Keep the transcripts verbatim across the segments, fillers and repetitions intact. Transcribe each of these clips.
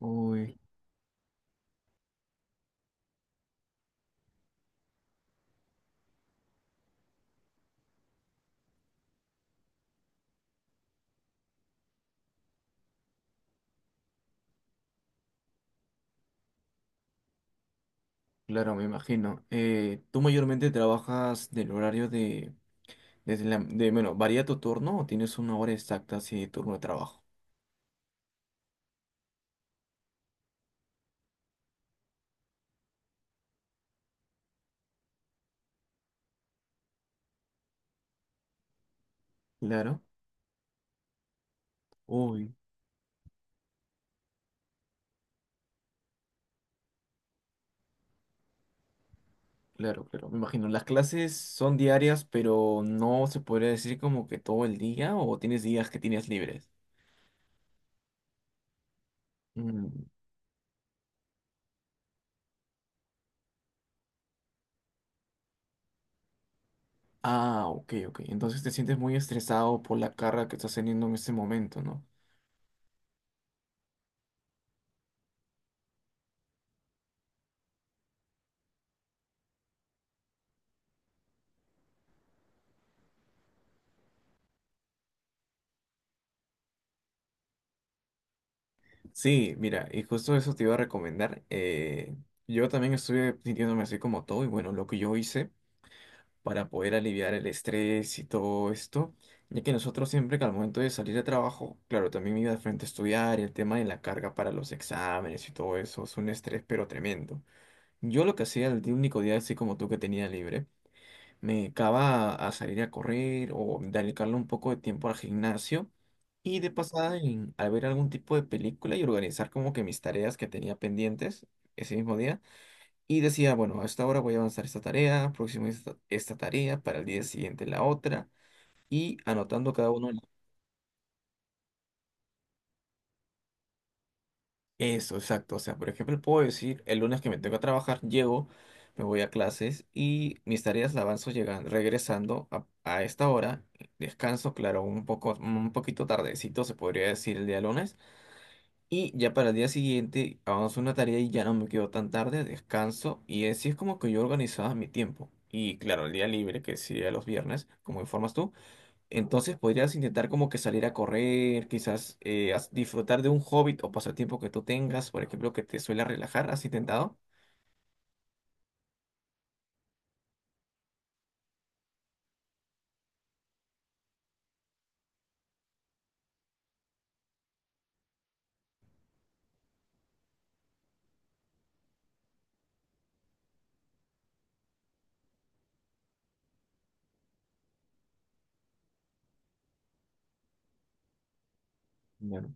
Uy, claro, me imagino. Eh, ¿tú mayormente trabajas del horario de, desde la, de, bueno, varía tu turno o tienes una hora exacta así de turno de trabajo? Claro. Uy, claro, claro, me imagino. Las clases son diarias, pero no se podría decir como que todo el día o tienes días que tienes libres. Mm, Ah, ok, ok. Entonces te sientes muy estresado por la carga que estás teniendo en este momento, ¿no? Sí, mira, y justo eso te iba a recomendar. Eh, yo también estuve sintiéndome así como todo, y bueno, lo que yo hice para poder aliviar el estrés y todo esto, ya que nosotros siempre que al momento de salir de trabajo, claro, también me iba de frente a estudiar, y el tema de la carga para los exámenes y todo eso, es un estrés pero tremendo. Yo lo que hacía el único día así como tú que tenía libre. Me dedicaba a, a salir a correr o dedicarle un poco de tiempo al gimnasio y de pasada en- al ver algún tipo de película y organizar como que mis tareas que tenía pendientes ese mismo día. Y decía, bueno, a esta hora voy a avanzar esta tarea, próximo esta, esta tarea, para el día siguiente la otra y anotando cada uno. Eso, exacto. O sea, por ejemplo, puedo decir, el lunes que me tengo que trabajar, llego, me voy a clases y mis tareas las avanzo llegando, regresando a, a esta hora. Descanso, claro, un poco, un poquito tardecito, se podría decir el día lunes. Y ya para el día siguiente avanzo una tarea y ya no me quedo tan tarde, descanso. Y así es como que yo organizaba mi tiempo. Y claro, el día libre, que sería los viernes, como informas tú. Entonces podrías intentar como que salir a correr, quizás eh, as- disfrutar de un hobby o pasatiempo que tú tengas, por ejemplo, que te suele relajar. ¿Has intentado? Claro,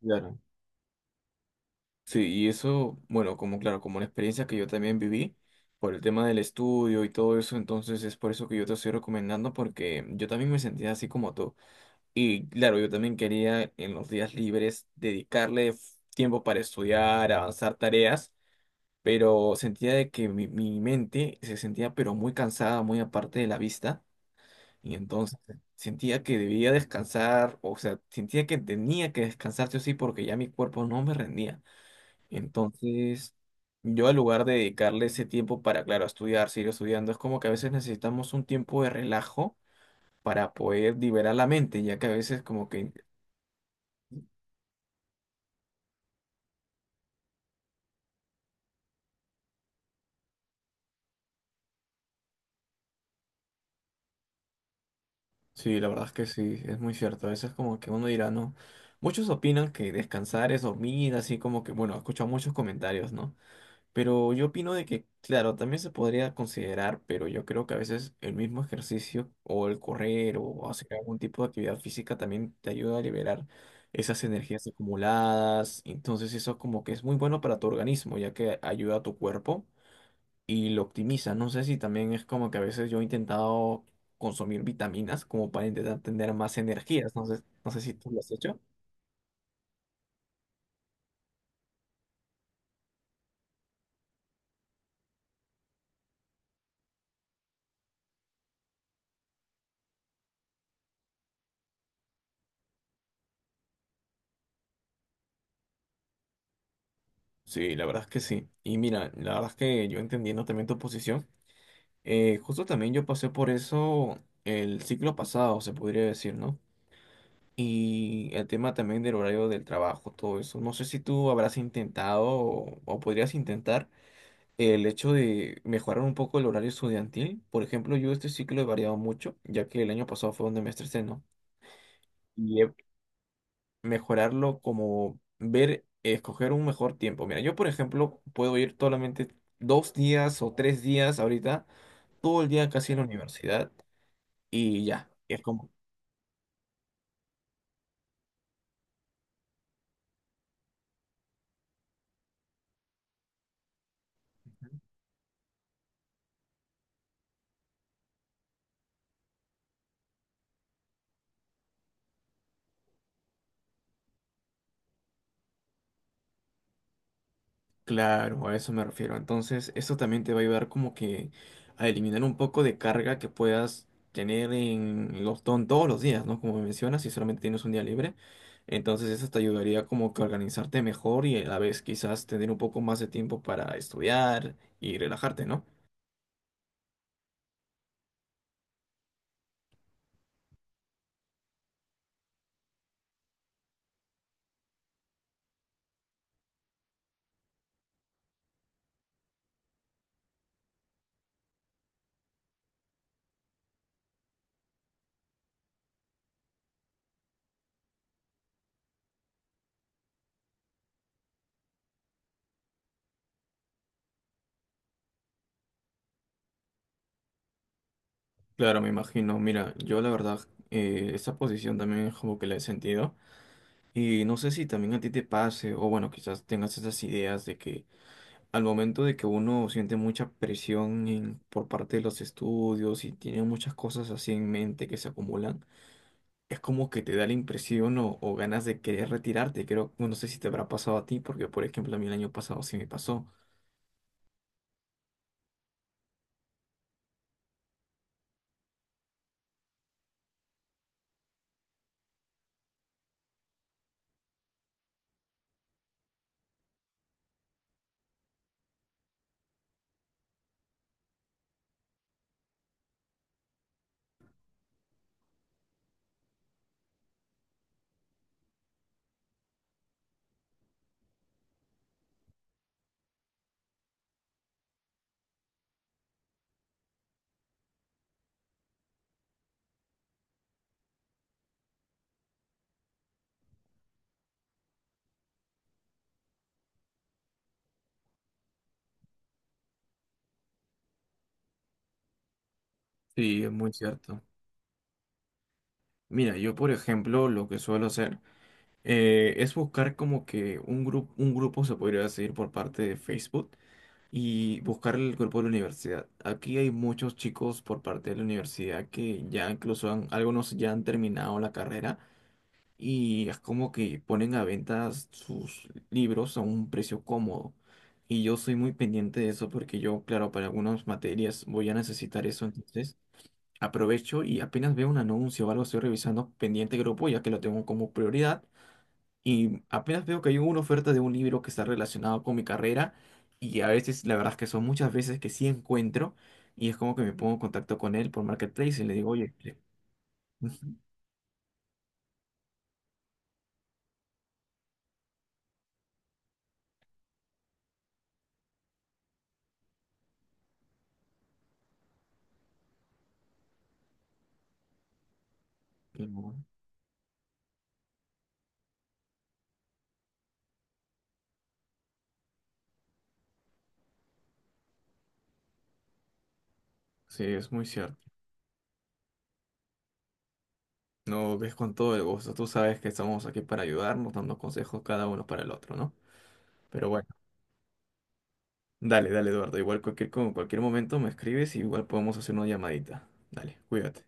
claro. Sí, y eso, bueno, como claro, como una experiencia que yo también viví por el tema del estudio y todo eso, entonces es por eso que yo te estoy recomendando porque yo también me sentía así como tú. Y claro, yo también quería en los días libres dedicarle f- tiempo para estudiar, avanzar tareas. Pero sentía de que mi, mi mente se sentía pero muy cansada, muy aparte de la vista, y entonces sentía que debía descansar, o sea, sentía que tenía que descansar sí o sí, porque ya mi cuerpo no me rendía. Entonces, yo al lugar de dedicarle ese tiempo para, claro, estudiar, seguir estudiando, es como que a veces necesitamos un tiempo de relajo para poder liberar la mente, ya que a veces como que sí, la verdad es que sí, es muy cierto. A veces como que uno dirá, ¿no? Muchos opinan que descansar es dormir, así como que, bueno, he escuchado muchos comentarios, ¿no? Pero yo opino de que, claro, también se podría considerar, pero yo creo que a veces el mismo ejercicio o el correr o hacer algún tipo de actividad física también te ayuda a liberar esas energías acumuladas. Entonces eso como que es muy bueno para tu organismo, ya que ayuda a tu cuerpo y lo optimiza. No sé si también es como que a veces yo he intentado consumir vitaminas como para intentar tener más energías. No sé, no sé si tú lo has hecho. Sí, la verdad es que sí. Y mira, la verdad es que yo entendiendo también tu posición, eh, justo también yo pasé por eso el ciclo pasado, se podría decir, ¿no? Y el tema también del horario del trabajo, todo eso. No sé si tú habrás intentado o, o podrías intentar el hecho de mejorar un poco el horario estudiantil. Por ejemplo, yo este ciclo he variado mucho, ya que el año pasado fue donde me estresé, ¿no? Y he- Mejorarlo como ver, escoger un mejor tiempo. Mira, yo por ejemplo puedo ir solamente dos días o tres días ahorita, todo el día casi en la universidad y ya. Es como claro, a eso me refiero. Entonces, eso también te va a ayudar como que a eliminar un poco de carga que puedas tener en los ton- todos los días, ¿no? Como mencionas, si solamente tienes un día libre. Entonces, eso te ayudaría como que a organizarte mejor y a la vez quizás tener un poco más de tiempo para estudiar y relajarte, ¿no? Claro, me imagino. Mira, yo la verdad, eh, esa posición también es como que la he sentido. Y no sé si también a ti te pase, o bueno, quizás tengas esas ideas de que al momento de que uno siente mucha presión en- por parte de los estudios y tiene muchas cosas así en mente que se acumulan, es como que te da la impresión o, o ganas de querer retirarte. Creo, no sé si te habrá pasado a ti, porque por ejemplo a mí el año pasado sí me pasó. Sí, es muy cierto. Mira, yo por ejemplo lo que suelo hacer eh, es buscar como que un grupo, un grupo se podría decir por parte de Facebook y buscar el grupo de la universidad. Aquí hay muchos chicos por parte de la universidad que ya incluso han, algunos ya han terminado la carrera y es como que ponen a venta sus libros a un precio cómodo. Y yo soy muy pendiente de eso porque yo, claro, para algunas materias voy a necesitar eso, entonces aprovecho y apenas veo un anuncio o algo estoy revisando pendiente grupo ya que lo tengo como prioridad y apenas veo que hay una oferta de un libro que está relacionado con mi carrera y a veces, la verdad es que son muchas veces que sí encuentro y es como que me pongo en contacto con él por Marketplace y le digo, oye, le- Ujú. Y no, sí, es muy cierto. No, es con todo el gusto. Tú sabes que estamos aquí para ayudarnos, dando consejos cada uno para el otro, ¿no? Pero bueno, dale, dale, Eduardo. Igual cualquier, con cualquier momento me escribes y igual podemos hacer una llamadita. Dale, cuídate.